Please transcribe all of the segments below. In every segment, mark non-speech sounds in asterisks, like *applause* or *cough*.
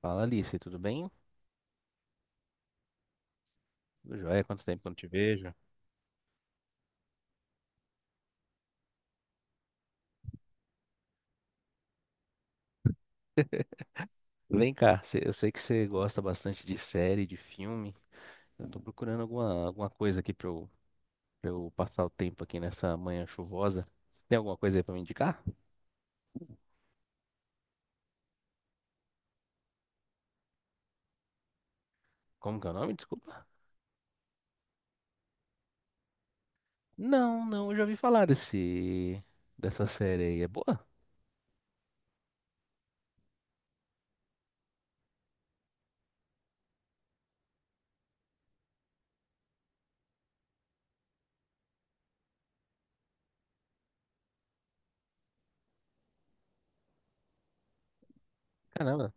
Fala Alice, tudo bem? Tudo jóia, quanto tempo que eu não te vejo? Vem cá, eu sei que você gosta bastante de série, de filme. Eu tô procurando alguma coisa aqui pra eu passar o tempo aqui nessa manhã chuvosa. Tem alguma coisa aí pra me indicar? Como que é o nome? Desculpa. Não, não, eu já ouvi falar dessa série aí. É boa? Caramba,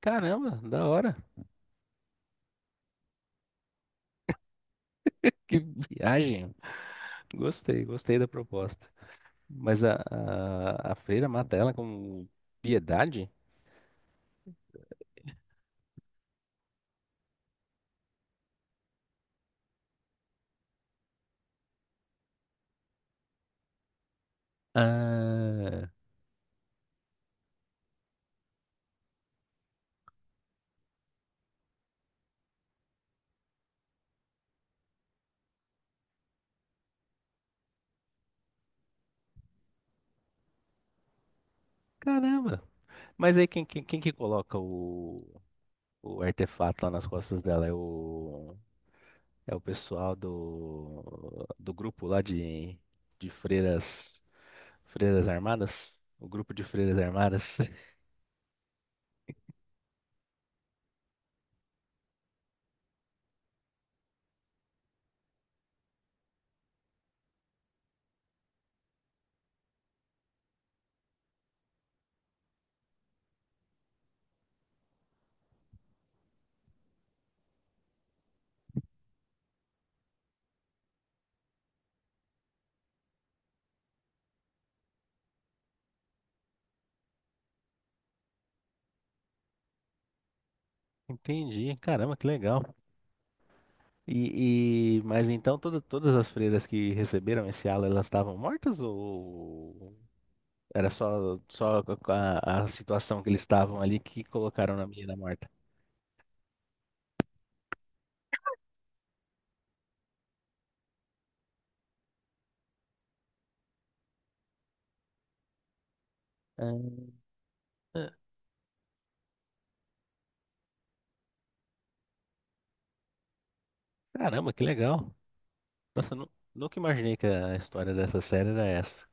caramba, da hora. Que viagem. Gostei, gostei da proposta. Mas a freira mata ela como piedade? Ah, caramba. Mas aí quem que coloca o artefato lá nas costas dela? É o pessoal do grupo lá de freiras armadas? O grupo de freiras armadas? *laughs* Entendi, caramba, que legal. Mas então todas as freiras que receberam esse halo, elas estavam mortas ou era só a situação que eles estavam ali que colocaram na menina morta? Ah, ah, caramba, que legal. Nossa, eu nunca imaginei que a história dessa série era essa.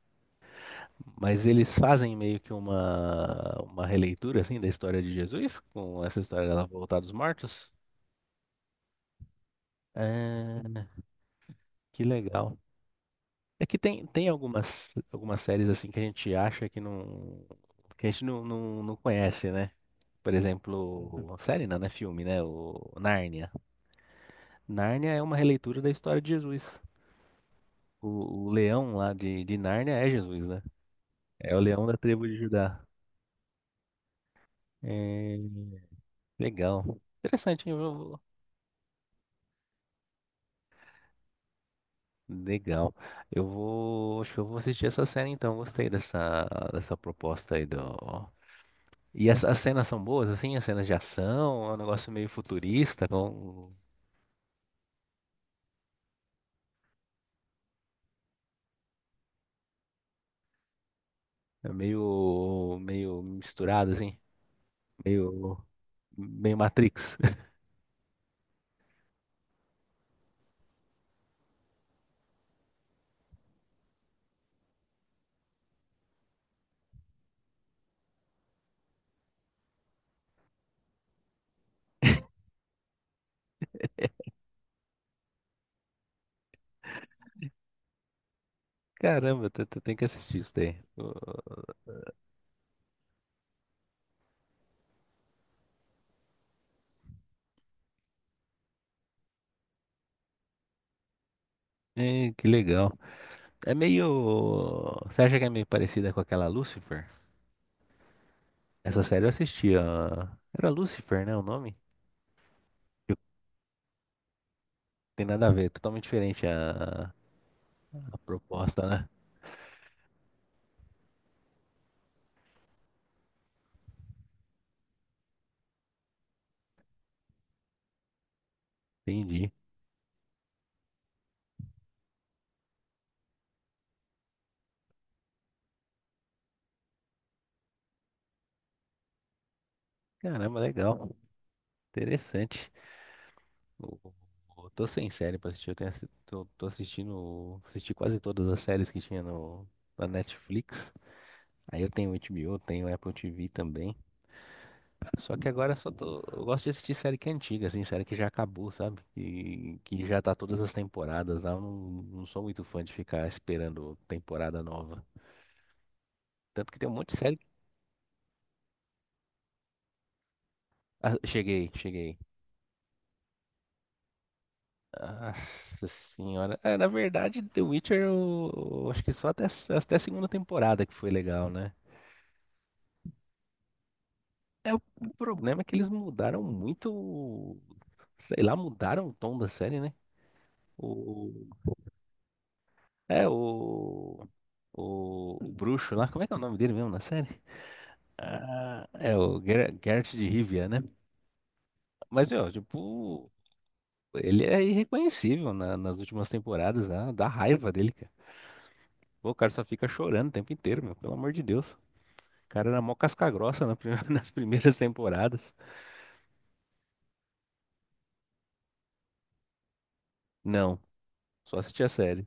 Mas eles fazem meio que uma releitura assim da história de Jesus, com essa história dela voltar dos mortos. É, que legal. É que tem algumas séries assim que a gente acha que não que a gente não conhece, né? Por exemplo, série não, né? Filme, né? O Nárnia. Nárnia é uma releitura da história de Jesus. O leão lá de Nárnia é Jesus, né? É o leão da tribo de Judá. É, legal. Interessante, hein? Legal. Eu vou. Acho que eu vou assistir essa cena então. Gostei dessa proposta aí do. E as cenas são boas, assim? As cenas de ação, é um negócio meio futurista, com. É meio, meio misturado, assim, meio, meio Matrix. *laughs* Caramba, tu tem que assistir isso daí. Oh, é, que legal. É meio. Você acha que é meio parecida com aquela Lucifer? Essa série eu assisti, ó. Era Lucifer, né, o nome? Tipo, tem nada a ver, é totalmente diferente a proposta, né? Entendi. Caramba, legal. Interessante. Eu, eu tô sem série pra assistir. Eu tenho, tô assistindo. Assisti quase todas as séries que tinha no, na Netflix. Aí eu tenho HBO, tenho Apple TV também. Só que agora só tô. Eu gosto de assistir série que é antiga, assim, série que já acabou, sabe? Que já tá todas as temporadas lá. Eu não sou muito fã de ficar esperando temporada nova. Tanto que tem um monte de série. Ah, cheguei, cheguei. Nossa senhora. É, na verdade, The Witcher, eu acho que só até a segunda temporada que foi legal, né? É, o problema é que eles mudaram muito. Sei lá, mudaram o tom da série, né? O. É, o. o bruxo lá, como é que é o nome dele mesmo na série? Ah, é o Geralt de Rivia, né? Mas, meu, tipo, ele é irreconhecível nas últimas temporadas, né? Dá raiva dele, cara. Pô, o cara só fica chorando o tempo inteiro, meu, pelo amor de Deus. O cara era mó casca grossa *laughs* nas primeiras temporadas. Não, só assistia a série.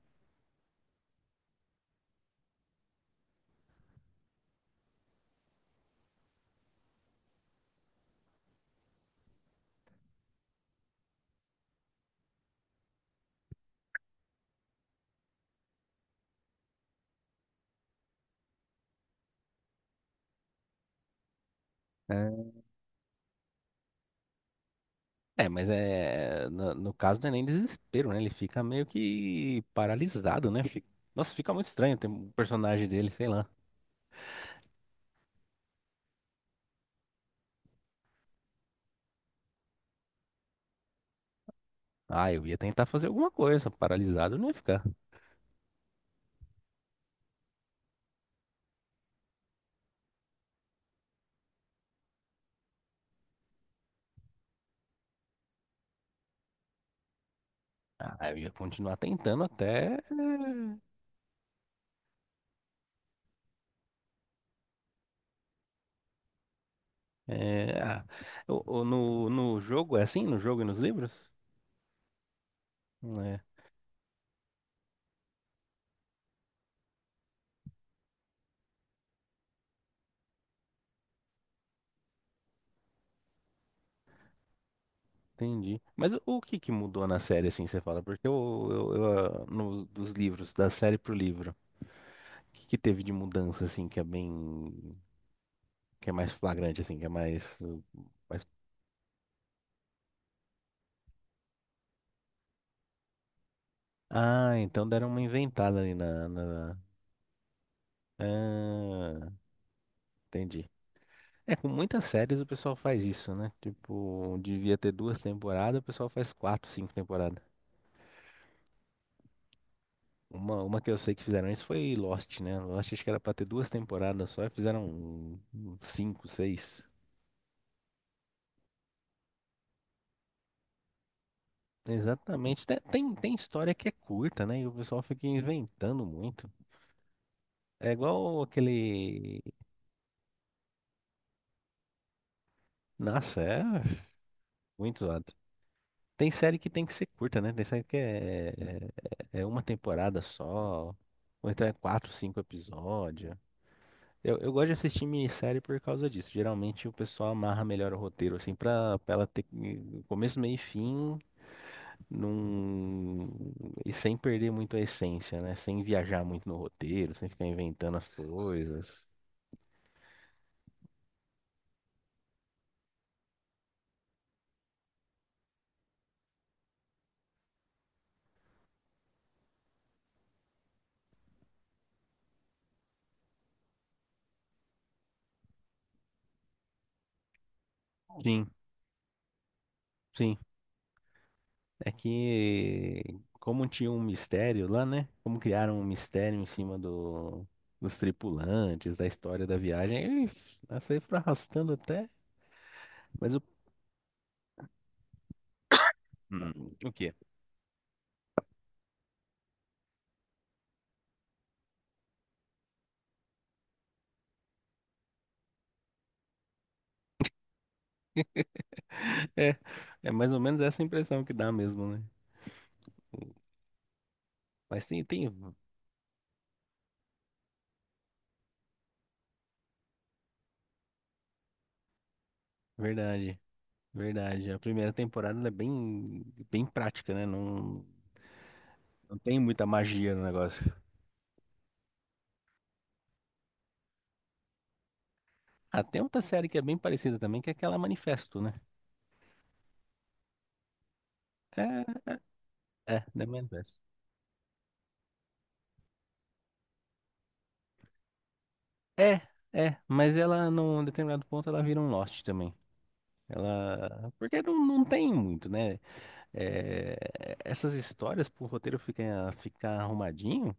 É, mas é. No caso não é nem desespero, né? Ele fica meio que paralisado, né? Nossa, fica muito estranho ter um personagem dele, sei lá. Ah, eu ia tentar fazer alguma coisa, paralisado eu não ia ficar. Ah, eu ia continuar tentando até. É, ah, no jogo é assim? No jogo e nos livros? É, entendi. Mas o que que mudou na série, assim, você fala? Porque eu, ah, dos livros, da série pro livro, o que que teve de mudança, assim, que é bem. Que é mais flagrante, assim, que é mais. Mais... Ah, então deram uma inventada ali na... Ah, entendi. É, com muitas séries o pessoal faz isso, né? Tipo, devia ter duas temporadas, o pessoal faz quatro, cinco temporadas. Uma que eu sei que fizeram isso foi Lost, né? Lost acho que era pra ter duas temporadas só e fizeram cinco, seis. Exatamente. Tem história que é curta, né? E o pessoal fica inventando muito. É igual aquele. Nossa, é muito zoado. Tem série que tem que ser curta, né? Tem série que é uma temporada só, ou então é quatro, cinco episódios. Eu gosto de assistir minissérie por causa disso. Geralmente o pessoal amarra melhor o roteiro, assim, pra ela ter começo, meio e fim num. E sem perder muito a essência, né? Sem viajar muito no roteiro, sem ficar inventando as coisas. Sim, sim. É que como tinha um mistério lá, né? Como criaram um mistério em cima dos tripulantes, da história da viagem, aí, essa aí foi arrastando até. Mas o quê? É, é mais ou menos essa impressão que dá mesmo, né? Mas verdade, verdade. A primeira temporada ela é bem, bem prática, né? Não, não tem muita magia no negócio. Ah, tem outra série que é bem parecida também, que é aquela Manifesto, né? É, é, The Manifesto. É, é, mas ela, num determinado ponto, ela vira um Lost também. Ela. Porque não tem muito, né? É, essas histórias, pro roteiro ficar arrumadinho,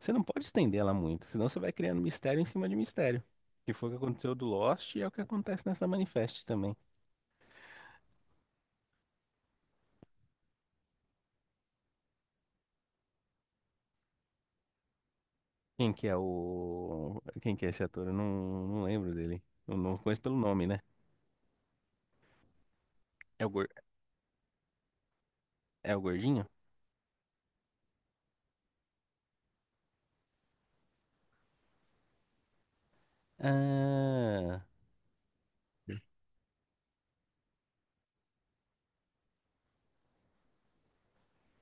você não pode estender ela muito, senão você vai criando mistério em cima de mistério. Que foi o que aconteceu do Lost e é o que acontece nessa Manifest também. Quem que é o. Quem que é esse ator? Eu não lembro dele. Eu não conheço pelo nome, né? É o, gor- é o gordinho? Ah,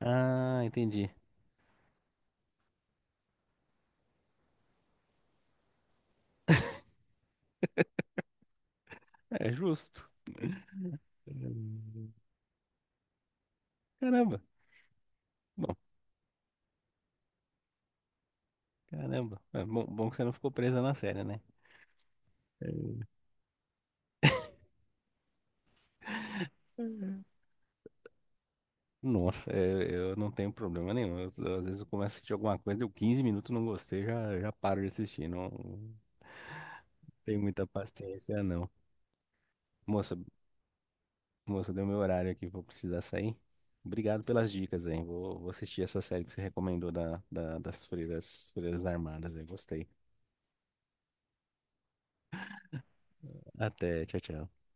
ah, entendi. É justo. Caramba. Bom, caramba. É bom, bom que você não ficou presa na série, né? Nossa, é, eu não tenho problema nenhum. Às vezes eu começo a assistir alguma coisa, deu 15 minutos, não gostei, já paro de assistir. Não tenho muita paciência, não. Moça, moça, deu meu horário aqui, vou precisar sair. Obrigado pelas dicas, hein? Vou assistir essa série que você recomendou das freiras, armadas, eu gostei. Até, tchau, tchau.